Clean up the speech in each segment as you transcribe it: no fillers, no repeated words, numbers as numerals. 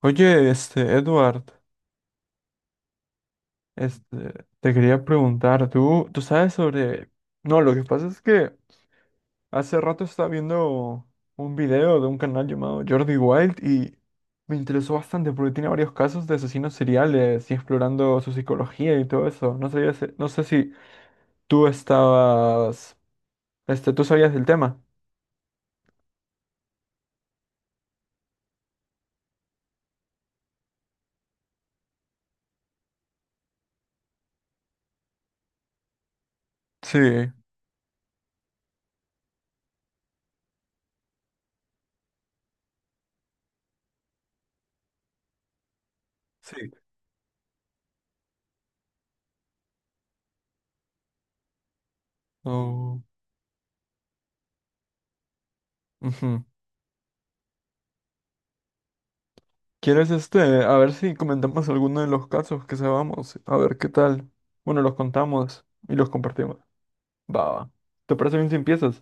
Oye, Edward, te quería preguntar, ¿tú sabes sobre... No, lo que pasa es que hace rato estaba viendo un video de un canal llamado Jordi Wild y me interesó bastante porque tiene varios casos de asesinos seriales y explorando su psicología y todo eso. No sabía, no sé si tú estabas, tú sabías del tema. Sí, sí. Oh, ujú. ¿Quieres este? A ver si comentamos alguno de los casos que sabamos. A ver qué tal. Bueno, los contamos y los compartimos. Va, va. ¿Te parece bien si empiezas?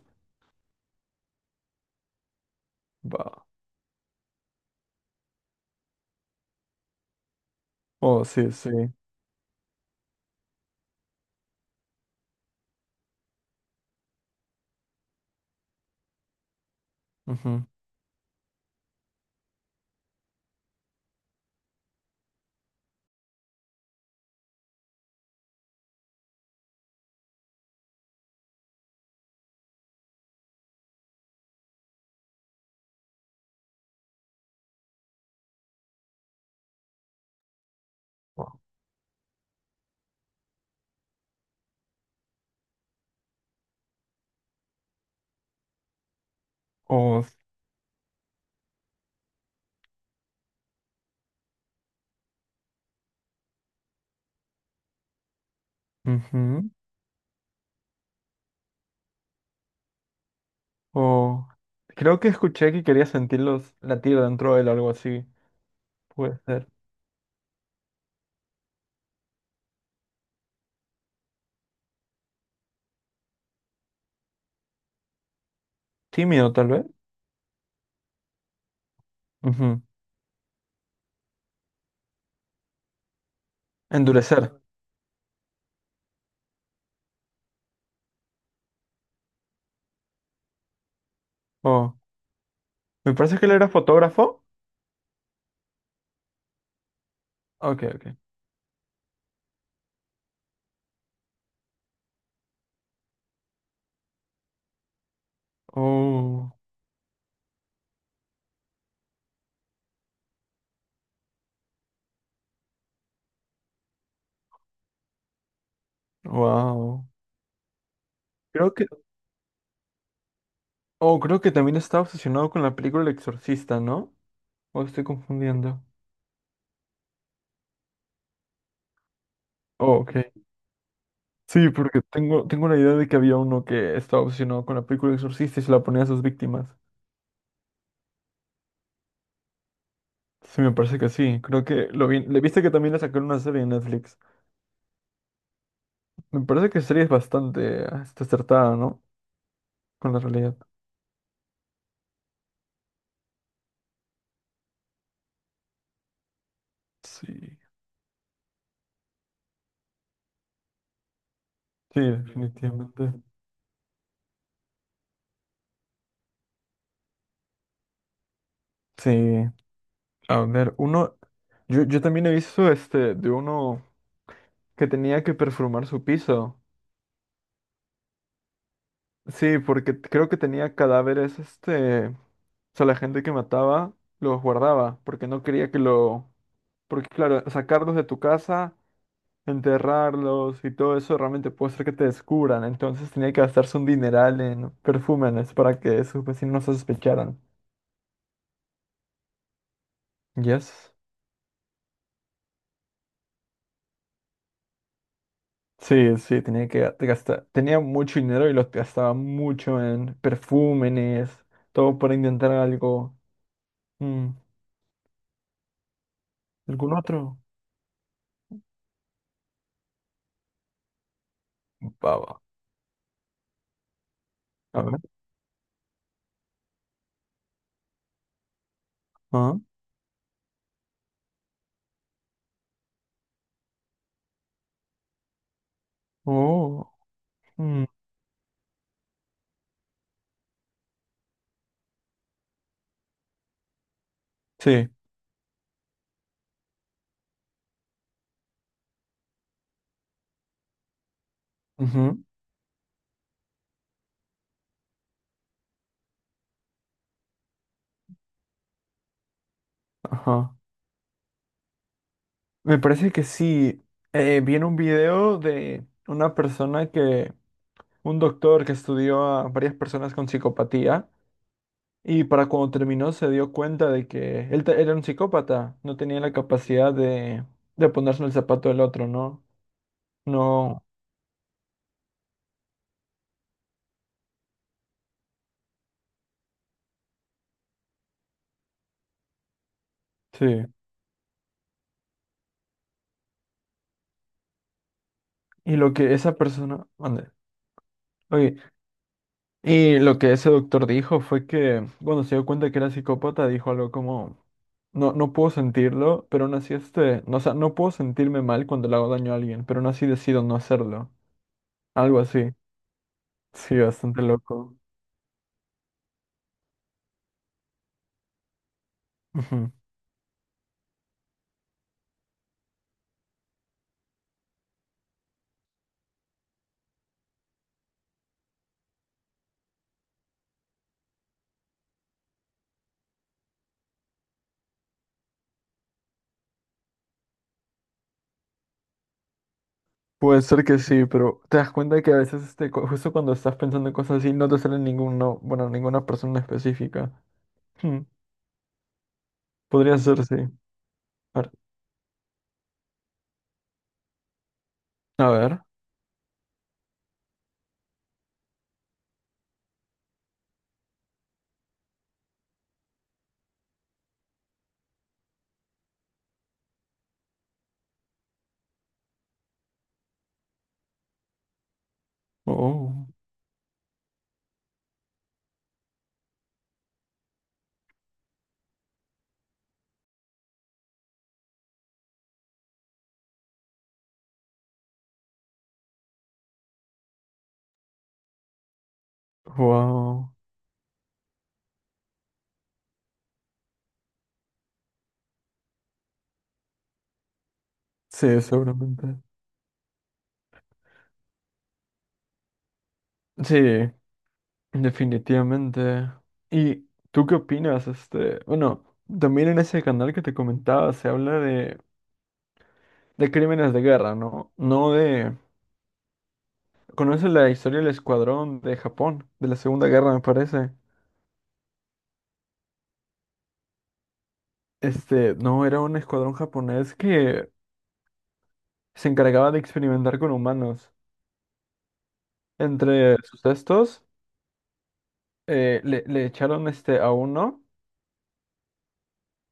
Va. Oh, sí, sí. Ujú. Oh, s- ujú. Oh. Creo que escuché que quería sentirlos latir dentro de él, algo así. Puede ser. Tímido, tal vez. Ujú. Endurecer. Oh. Me parece que él era fotógrafo. Ok, ok. Oh, wow. Creo Oh, creo que también estaba obsesionado con la película El Exorcista, ¿no? ¿O estoy confundiendo? Oh, ok. Sí, porque tengo la idea de que había uno que estaba obsesionado con la película El Exorcista y se la ponía a sus víctimas. Sí, me parece que sí. Creo que lo vi. Le viste que también le sacaron una serie en Netflix. Me parece que la serie es bastante está acertada, ¿no? Con la realidad. Sí. Sí, definitivamente. Sí. A ver, uno. Yo también he visto este de uno que tenía que perfumar su piso. Sí, porque creo que tenía cadáveres, o sea, la gente que mataba los guardaba, porque no quería que lo, porque claro, sacarlos de tu casa, enterrarlos y todo eso realmente puede ser que te descubran, entonces tenía que gastarse un dineral en perfúmenes para que sus vecinos no sospecharan. Yes. Sí, sí, tenía que gastar, tenía mucho dinero y lo gastaba mucho en perfúmenes, todo para intentar algo. Mm, ¿algún otro? Baba. A ver. Oh, mm, sí. Ujú, ajá. Me parece que sí. Vi en un video de un doctor que estudió a varias personas con psicopatía y para cuando terminó se dio cuenta de que era un psicópata, no tenía la capacidad de ponerse en el zapato del otro, ¿no? No, sí. Y lo que esa persona, mande. Oye, y lo que ese doctor dijo fue que, bueno, se dio cuenta que era psicópata, dijo algo como, no, no puedo sentirlo, pero aún así no, o sea, no puedo sentirme mal cuando le hago daño a alguien, pero aún así decido no hacerlo. Algo así. Sí, bastante loco. Ujú. Puede ser que sí, pero te das cuenta que a veces justo cuando estás pensando en cosas así, no te sale ninguno, bueno, ninguna persona específica. Hmm, podría ser, sí. A ver. A ver. Oh, wow. Sí, seguramente. Sí. Definitivamente. ¿Y tú qué opinas? Este, bueno, también en ese canal que te comentaba se habla de crímenes de guerra, ¿no? No de... ¿Conoces la historia del escuadrón de Japón, de la Segunda Guerra, me parece? No, era un escuadrón japonés que se encargaba de experimentar con humanos. Entre sus textos, le, le echaron a uno.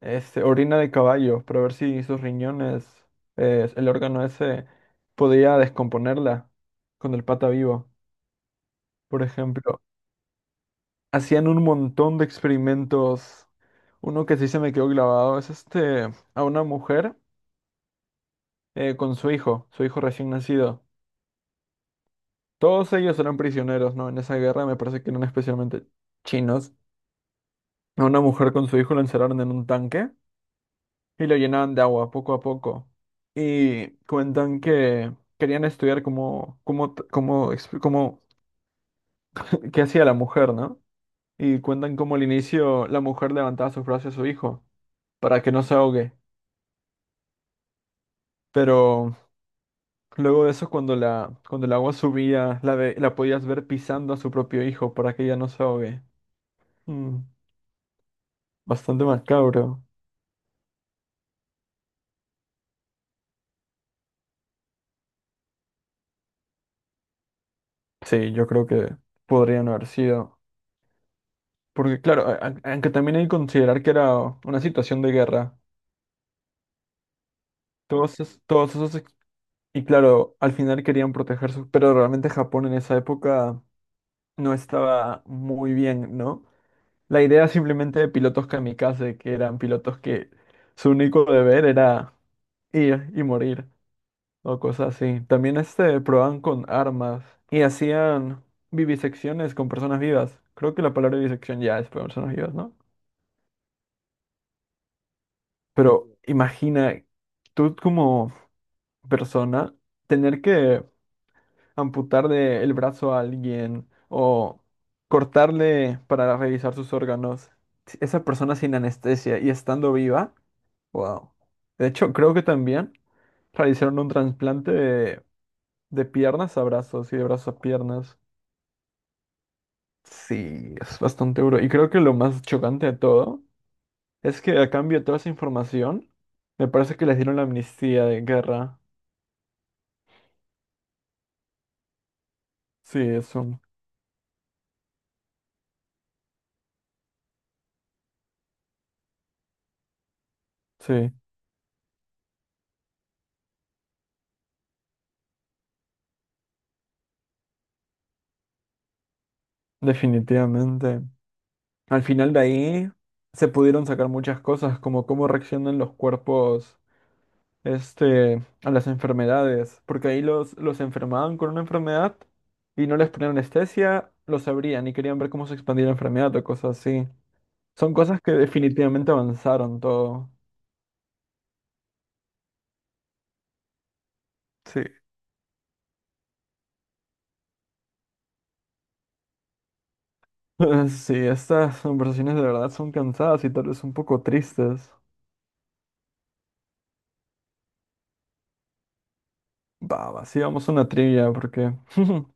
Orina de caballo, para ver si sus riñones, el órgano ese, podía descomponerla con el pata vivo. Por ejemplo, hacían un montón de experimentos. Uno que sí se me quedó grabado es este, a una mujer con su hijo recién nacido. Todos ellos eran prisioneros, ¿no? En esa guerra me parece que eran especialmente chinos. A una mujer con su hijo lo encerraron en un tanque y lo llenaban de agua poco a poco. Y cuentan que querían estudiar cómo, cómo, t- cómo, exp- cómo- qué hacía la mujer, ¿no? Y cuentan cómo al inicio la mujer levantaba sus brazos a su hijo para que no se ahogue. Pero luego de eso, cuando el agua subía, la podías ver pisando a su propio hijo para que ella no se ahogue. Mm, bastante macabro. Sí, yo creo que podrían haber sido. Porque claro, aunque también hay que considerar que era una situación de guerra. Todos, es- todos esos... ex- Y claro, al final querían protegerse, pero realmente Japón en esa época no estaba muy bien, ¿no? La idea simplemente de pilotos kamikaze, que eran pilotos que su único deber era ir y morir, o cosas así. También probaban con armas y hacían vivisecciones con personas vivas. Creo que la palabra vivisección ya es para personas vivas, ¿no? Pero imagina, tú como persona, tener que amputarle el brazo a alguien o cortarle para revisar sus órganos, si esa persona sin anestesia y estando viva, wow. De hecho, creo que también realizaron un trasplante de piernas a brazos y de brazos a piernas. Sí, es bastante duro. Y creo que lo más chocante de todo es que a cambio de toda esa información, me parece que les dieron la amnistía de guerra. Sí, eso. Sí, definitivamente. Al final de ahí se pudieron sacar muchas cosas, como cómo reaccionan los cuerpos, a las enfermedades, porque ahí los enfermaban con una enfermedad y no les ponían anestesia, los abrían y querían ver cómo se expandía la enfermedad o cosas así. Son cosas que definitivamente avanzaron todo. Sí. Sí, estas conversaciones de verdad son cansadas y tal vez un poco tristes. Va, va, sí, vamos a una trivia, porque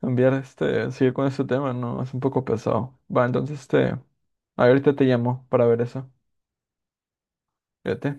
cambiar seguir con este tema, no, es un poco pesado. Va, entonces ahorita te llamo para ver eso. Fíjate.